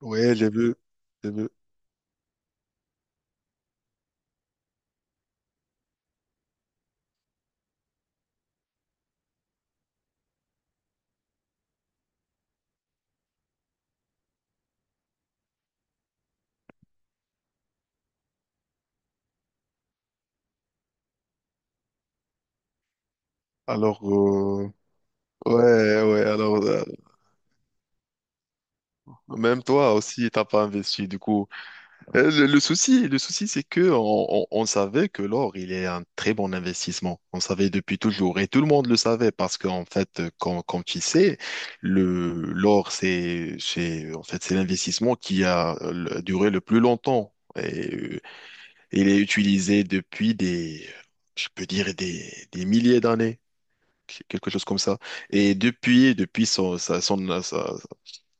Ouais, j'ai vu, j'ai vu. Alors, ouais, ouais, alors, euh, même toi aussi, t'as pas investi, du coup. Le souci, le souci, c'est que on savait que l'or, il est un très bon investissement. On savait depuis toujours, et tout le monde le savait, parce qu'en fait, quand tu sais, l'or, en fait, c'est l'investissement qui a duré le plus longtemps. Et il est utilisé depuis je peux dire, des milliers d'années. Quelque chose comme ça. Et depuis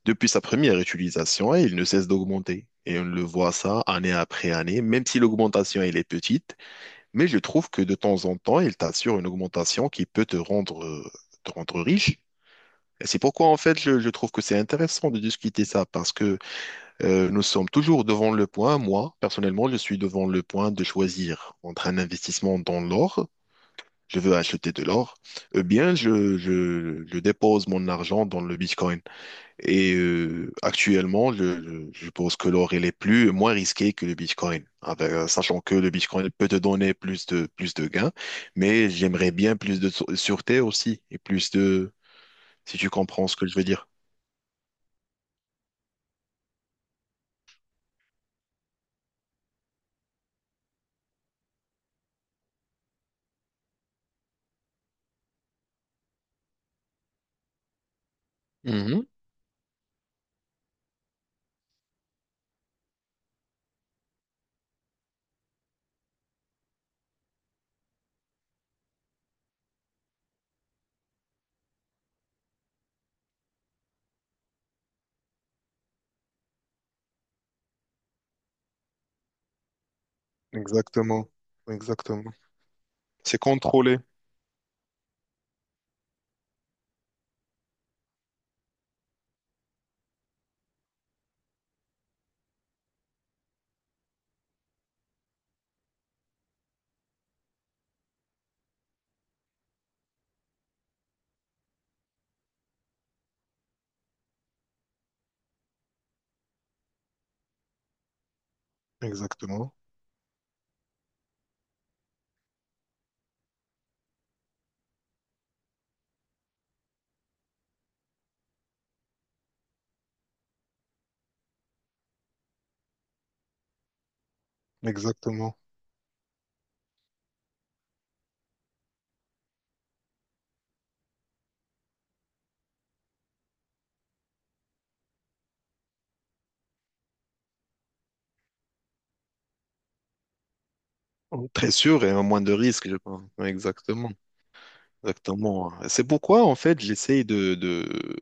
depuis sa première utilisation, il ne cesse d'augmenter. Et on le voit ça année après année, même si l'augmentation elle est petite, mais je trouve que de temps en temps, il t'assure une augmentation qui peut te rendre riche. Et c'est pourquoi, en fait, je trouve que c'est intéressant de discuter ça, parce que nous sommes toujours devant le point, moi, personnellement, je suis devant le point de choisir entre un investissement dans l'or. Je veux acheter de l'or, eh bien, je dépose mon argent dans le Bitcoin. Et actuellement, je pense que l'or, il est plus, moins risqué que le Bitcoin, avec, sachant que le Bitcoin peut te donner plus de gains, mais j'aimerais bien plus de sûreté aussi, et plus de, si tu comprends ce que je veux dire. Mhm. Exactement. Exactement. C'est contrôlé. Exactement. Exactement. Très sûr et moins de risque, je pense. Exactement. Exactement, hein. C'est pourquoi, en fait, j'essaye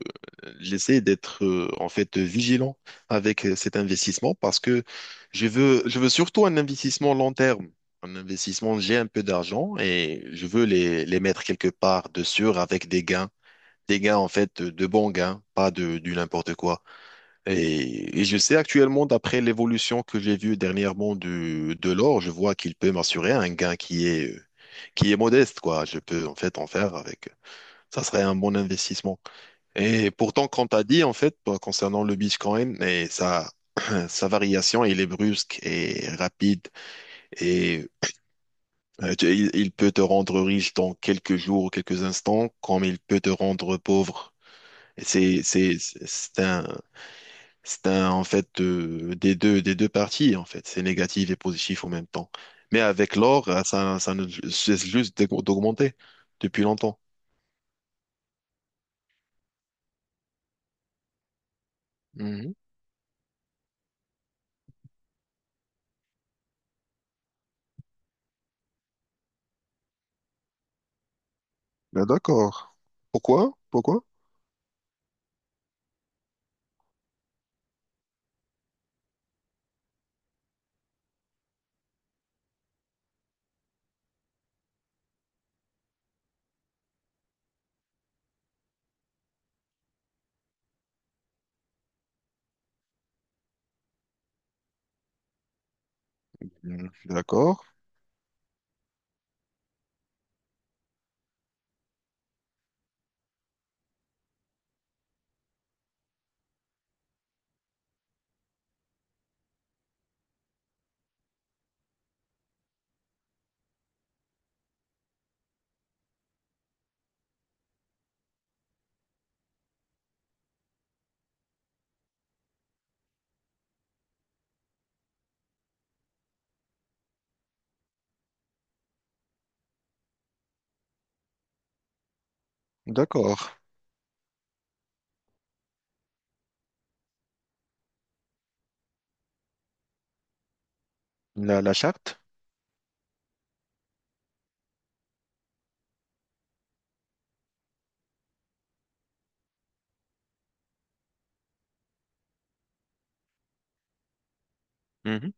j'essaye d'être, en fait, vigilant avec cet investissement parce que je veux surtout un investissement long terme. Un investissement, j'ai un peu d'argent et je veux les mettre quelque part de sûr avec des gains. Des gains, en fait, de bons gains, pas de, du n'importe quoi. Et je sais actuellement, d'après l'évolution que j'ai vue dernièrement de l'or, je vois qu'il peut m'assurer un gain qui est modeste, quoi. Je peux, en fait, en faire avec. Ça serait un bon investissement. Et pourtant, quand tu as dit, en fait, concernant le Bitcoin et sa variation, il est brusque et rapide et il peut te rendre riche dans quelques jours ou quelques instants, comme il peut te rendre pauvre. Et c'est un, en fait, des deux parties, en fait. C'est négatif et positif en même temps. Mais avec l'or, ça ne cesse juste d'augmenter depuis longtemps. Mhm. D'accord. Pourquoi? Pourquoi? Mm, d'accord, d'accord. La charte? Mhm.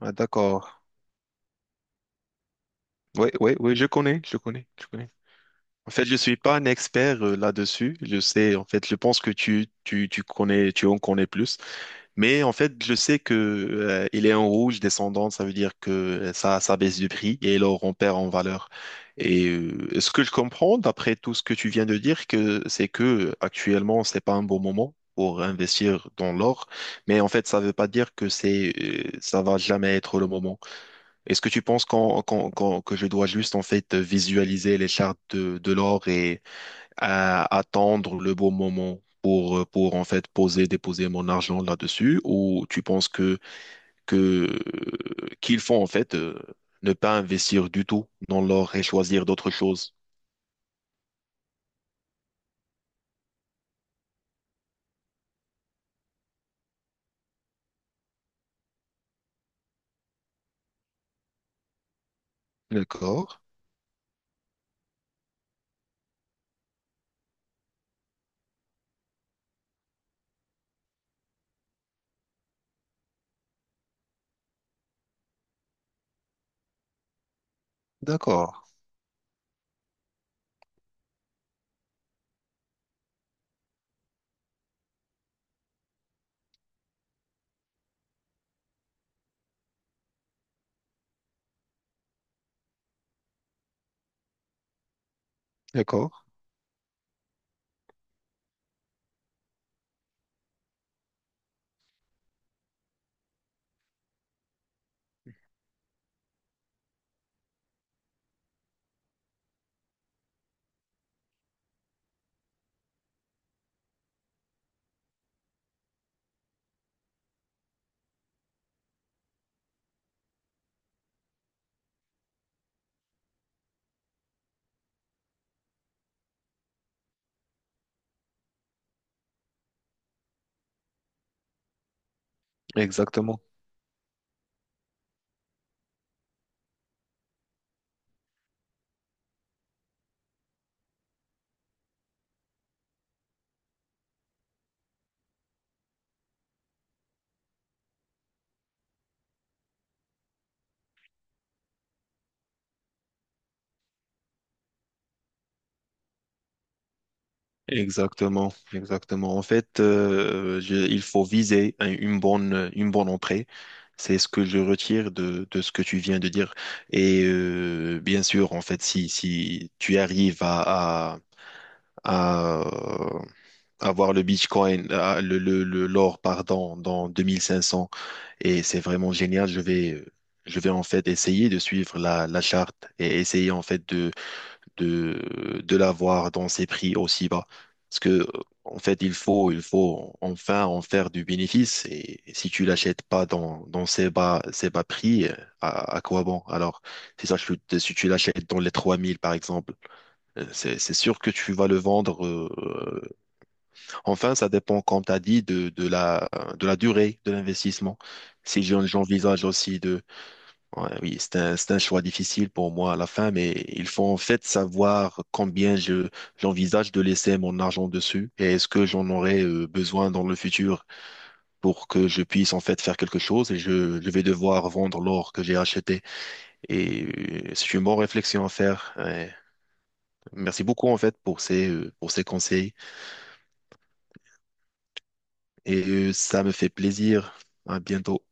Ah, d'accord. Oui, oui, oui, je connais, je connais, je connais. En fait, je suis pas un expert là-dessus. Je sais, en fait, je pense que tu connais, tu en connais plus. Mais en fait, je sais que il est en rouge descendant, ça veut dire que ça baisse du prix et l'or on perd en valeur. Et ce que je comprends d'après tout ce que tu viens de dire, que c'est que actuellement c'est pas un bon moment pour investir dans l'or, mais en fait ça veut pas dire que c'est ça va jamais être le moment. Est-ce que tu penses que je dois juste en fait visualiser les chartes de l'or à attendre le bon moment pour en fait poser, déposer mon argent là-dessus, ou tu penses que qu'il faut en fait ne pas investir du tout dans l'or et choisir d'autres choses? D'accord, d'accord, d'accord. Exactement. Exactement, exactement. En fait, il faut viser une bonne entrée. C'est ce que je retire de ce que tu viens de dire. Et bien sûr, en fait, si, si tu arrives à avoir le l'or, pardon, dans 2500, et c'est vraiment génial, je vais en fait essayer de suivre la, la charte et essayer en fait de l'avoir dans ces prix aussi bas. Parce que, en fait, il faut enfin en faire du bénéfice. Et si tu l'achètes pas dans, dans ces bas prix, à quoi bon? Alors, c'est ça, si tu l'achètes dans les 3000 par exemple, c'est sûr que tu vas le vendre. Enfin, ça dépend, comme tu as dit, de la durée de l'investissement. Si j'en- j'envisage aussi Ouais, oui, c'est un choix difficile pour moi à la fin, mais il faut en fait savoir combien j'envisage de laisser mon argent dessus et est-ce que j'en aurai besoin dans le futur pour que je puisse en fait faire quelque chose et je vais devoir vendre l'or que j'ai acheté. Et c'est une bonne réflexion à faire. Ouais. Merci beaucoup en fait pour pour ces conseils et ça me fait plaisir. À bientôt.